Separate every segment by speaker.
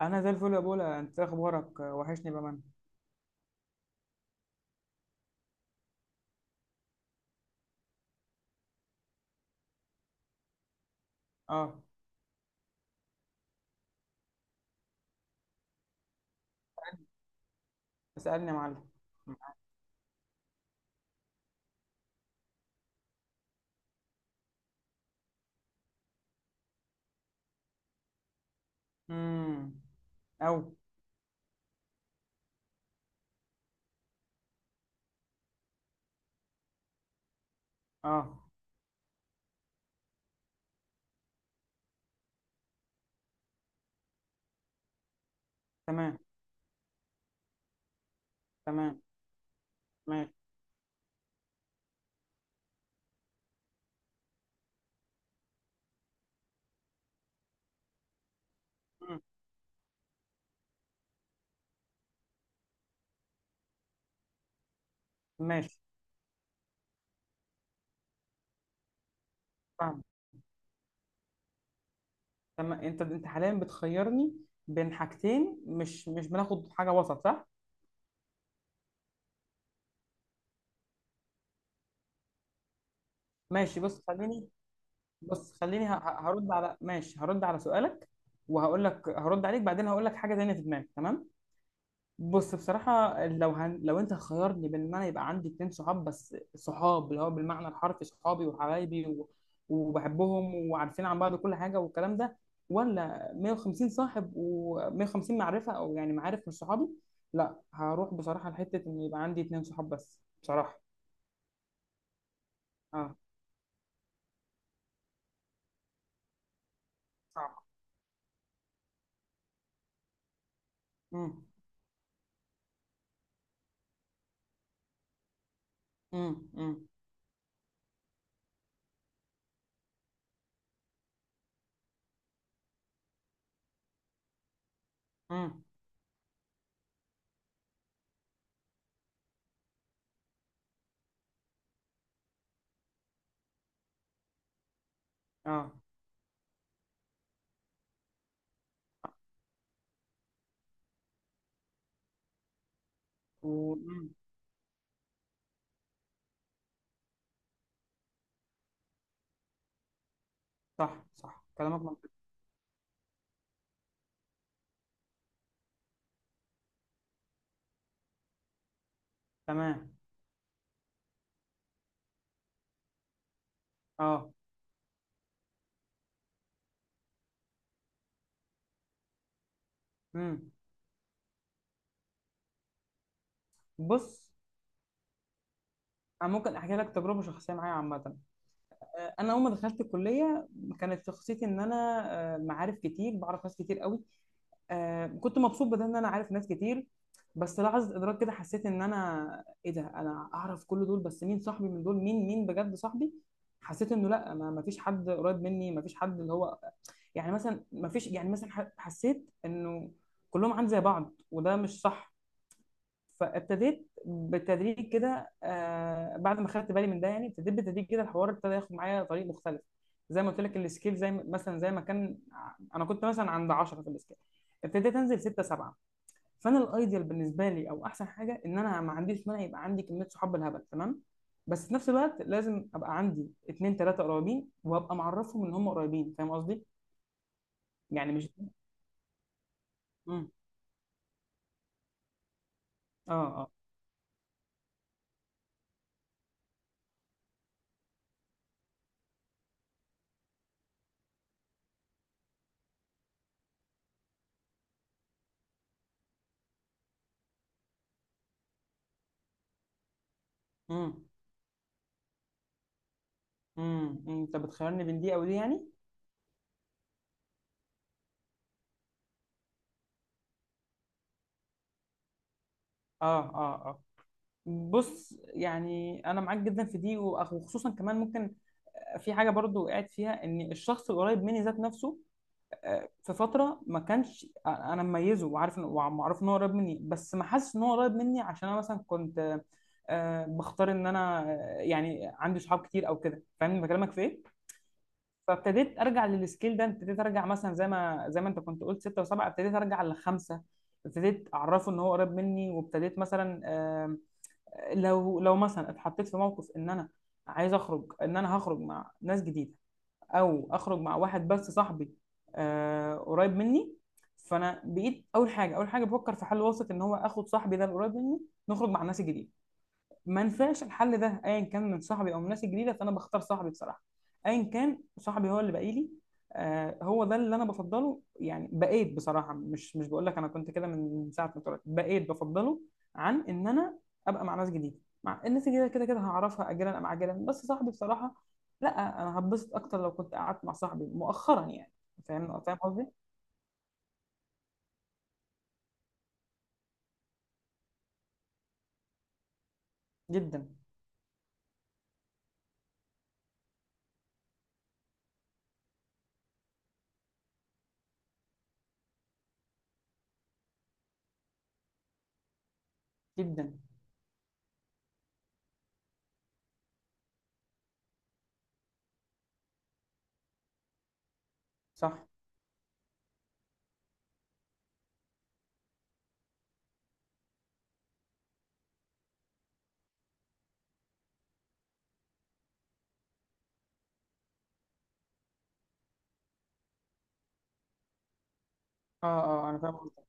Speaker 1: انا زي الفل يا بولا، انت إيه اخبارك؟ وحشني بأمان. اه. اسألني يا معلم. امم. او. اه. تمام. تمام. ماشي. مم. ماشي. فاهم. تمام. انت حاليا بتخيرني بين حاجتين، مش بناخد حاجة وسط، صح؟ ماشي، بص خليني ه- ه- هرد على ماشي، هرد على سؤالك، وهقول لك، هرد عليك بعدين هقول لك حاجة تانية في دماغي، تمام؟ بص، بصراحة لو انت خيرني بين ان انا يبقى عندي اتنين صحاب بس، صحاب اللي هو بالمعنى الحرفي صحابي وحبايبي وبحبهم، وعارفين عن بعض كل حاجة والكلام ده، ولا 150 صاحب و150 معرفة، او يعني معارف مش صحابي؟ لا، هروح بصراحة لحتة ان يبقى عندي اتنين صحاب بس، بصراحة. اه. صح. امم، امم، امم، امم. اه. مم. صح، صح، كلامك منطقي. تمام. اه. امم. بص، انا ممكن احكي لك تجربة شخصية معايا عامة. انا اول ما دخلت الكليه كانت شخصيتي ان انا معارف كتير، بعرف ناس كتير قوي. كنت مبسوط بده ان انا عارف ناس كتير. بس لحظه ادراك كده حسيت ان انا ايه ده، انا اعرف كل دول، بس مين صاحبي من دول؟ مين مين بجد صاحبي؟ حسيت انه لا، ما فيش حد قريب مني، ما فيش حد اللي هو يعني مثلا ما فيش، يعني مثلا حسيت انه كلهم عندي زي بعض، وده مش صح. فابتديت بالتدريج كده، بعد ما خدت بالي من ده، يعني ابتديت بالتدريج كده الحوار ابتدى ياخد معايا طريق مختلف. زي ما قلت لك السكيل، زي ما- مثلا زي ما كان انا كنت مثلا عند 10 في السكيل، ابتديت انزل 6 7. فانا الايديال بالنسبه لي، او احسن حاجه، ان انا ما عنديش مانع يبقى عندي كميه صحاب بالهبل، تمام، بس في نفس الوقت لازم ابقى عندي اتنين تلاته قريبين، وابقى معرفهم ان هم قريبين، فاهم قصدي؟ يعني مش. امم، اه، اه، امم، امم، انت بتخيرني بين دي او دي يعني؟ اه، اه، آه. بص يعني انا معاك جدا في دي، وخصوصا كمان ممكن في حاجه برضو وقعت فيها، ان الشخص القريب مني ذات نفسه في فتره ما كانش، انا مميزه، وعارف ومعروف ان هو قريب مني بس ما حاسس ان هو قريب مني، عشان انا مثلا كنت بختار ان انا يعني عندي صحاب كتير او كده، فاهمني بكلمك في ايه. فابتديت ارجع للسكيل ده، ابتديت ارجع مثلا زي ما انت كنت قلت ستة وسبعة، ابتديت ارجع لخمسة. ابتديت اعرفه ان هو قريب مني، وابتديت مثلا لو مثلا اتحطيت في موقف ان انا عايز اخرج، ان انا هخرج مع ناس جديده، او اخرج مع واحد بس صاحبي قريب مني. فانا بقيت اول حاجه، اول حاجه بفكر في حل وسط ان هو اخد صاحبي ده القريب مني، نخرج مع الناس الجديده. ما نفعش الحل ده، ايا كان من صاحبي او من ناس جديده، فانا بختار صاحبي بصراحه، ايا كان صاحبي هو اللي باقي لي. آه، هو ده اللي انا بفضله، يعني بقيت بصراحه مش بقول لك انا كنت كده من ساعه ما اتولدت، بقيت بفضله عن ان انا ابقى مع ناس جديده، مع الناس الجديده كده كده هعرفها اجلا ام عاجلا، بس صاحبي بصراحه لا. انا هتبسط اكتر لو كنت قعدت مع صاحبي مؤخرا يعني. فاهم، فاهم قصدي. جدا. جدا. صح. اه، اه، انا فاهم قصدي.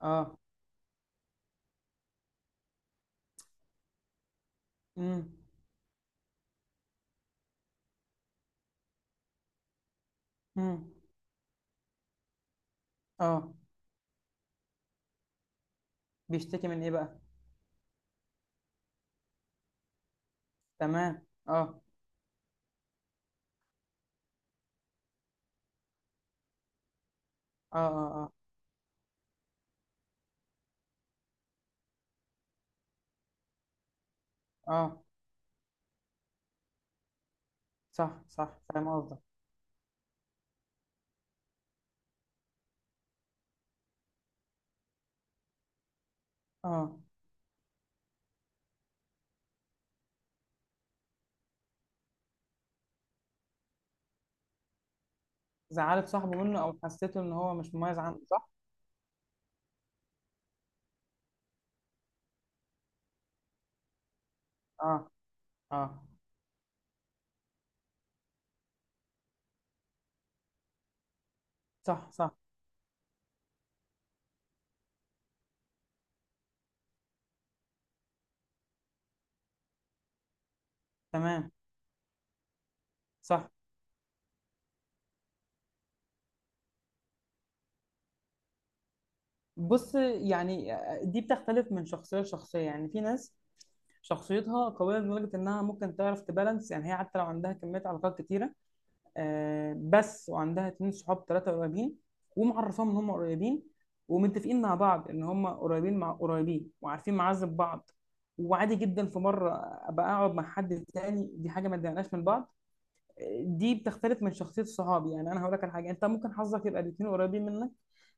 Speaker 1: اه. امم. امم. اه. بيشتكي من ايه بقى؟ تمام. اه، اه، اه. اه، اه. صح، صح، فاهم قصدك. اه. زعلت صاحبه منه او حسيته ان هو مش مميز عنه، صح؟ اه، اه، صح، صح، تمام، صح. بص يعني دي بتختلف من شخصيه لشخصيه، يعني في ناس شخصيتها قويه لدرجه انها ممكن تعرف تبالانس، يعني هي حتى لو عندها كميه علاقات كتيره، بس وعندها اتنين صحاب تلاتة قريبين، ومعرفاهم ان هم قريبين، ومتفقين مع بعض ان هم قريبين مع قريبين، وعارفين معازب بعض، وعادي جدا في مرة ابقى اقعد مع حد تاني، دي حاجة ما تضايقناش من بعض. دي بتختلف من شخصيه الصحاب، يعني انا هقول لك على حاجه، انت ممكن حظك يبقى الاثنين قريبين منك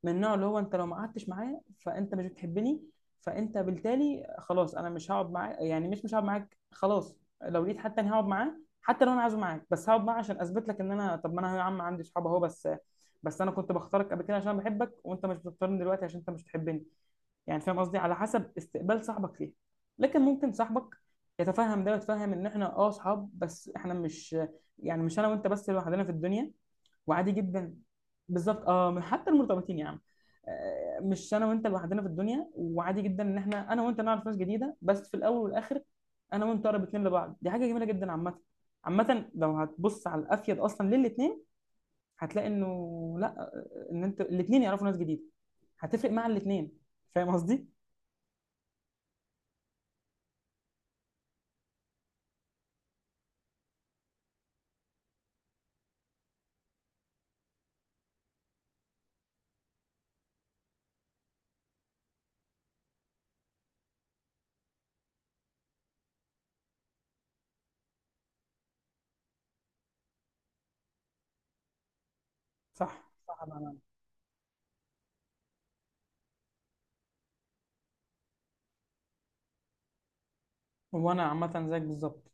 Speaker 1: من النوع اللي هو انت لو ما قعدتش معايا فانت مش بتحبني، فانت بالتالي خلاص انا مش هقعد معاك، يعني مش هقعد معاك خلاص، لو لقيت حد تاني هقعد معاه حتى لو انا عايزه معاك، بس هقعد معاه عشان اثبت لك ان انا طب ما انا يا عم عندي صحاب اهو بس، بس انا كنت بختارك قبل كده عشان بحبك، وانت مش بتختارني دلوقتي عشان انت مش بتحبني، يعني فاهم قصدي؟ على حسب استقبال صاحبك ليها. لكن ممكن صاحبك يتفهم ده، ويتفهم ان احنا اصحاب بس، احنا مش، يعني مش انا وانت بس لوحدنا في الدنيا، وعادي جدا. بالظبط، اه، حتى المرتبطين يا عم مش انا وانت لوحدنا في الدنيا، وعادي جدا ان احنا انا وانت نعرف ناس جديده، بس في الاول والاخر انا وانت اقرب اتنين لبعض، دي حاجه جميله جدا عامه. عامه لو هتبص على الافيد اصلا للاتنين، هتلاقي انه لا، ان انت الاتنين يعرفوا ناس جديده هتفرق مع الاتنين، فاهم قصدي؟ صح، صح، بأمانة. وانا عامه زيك بالظبط.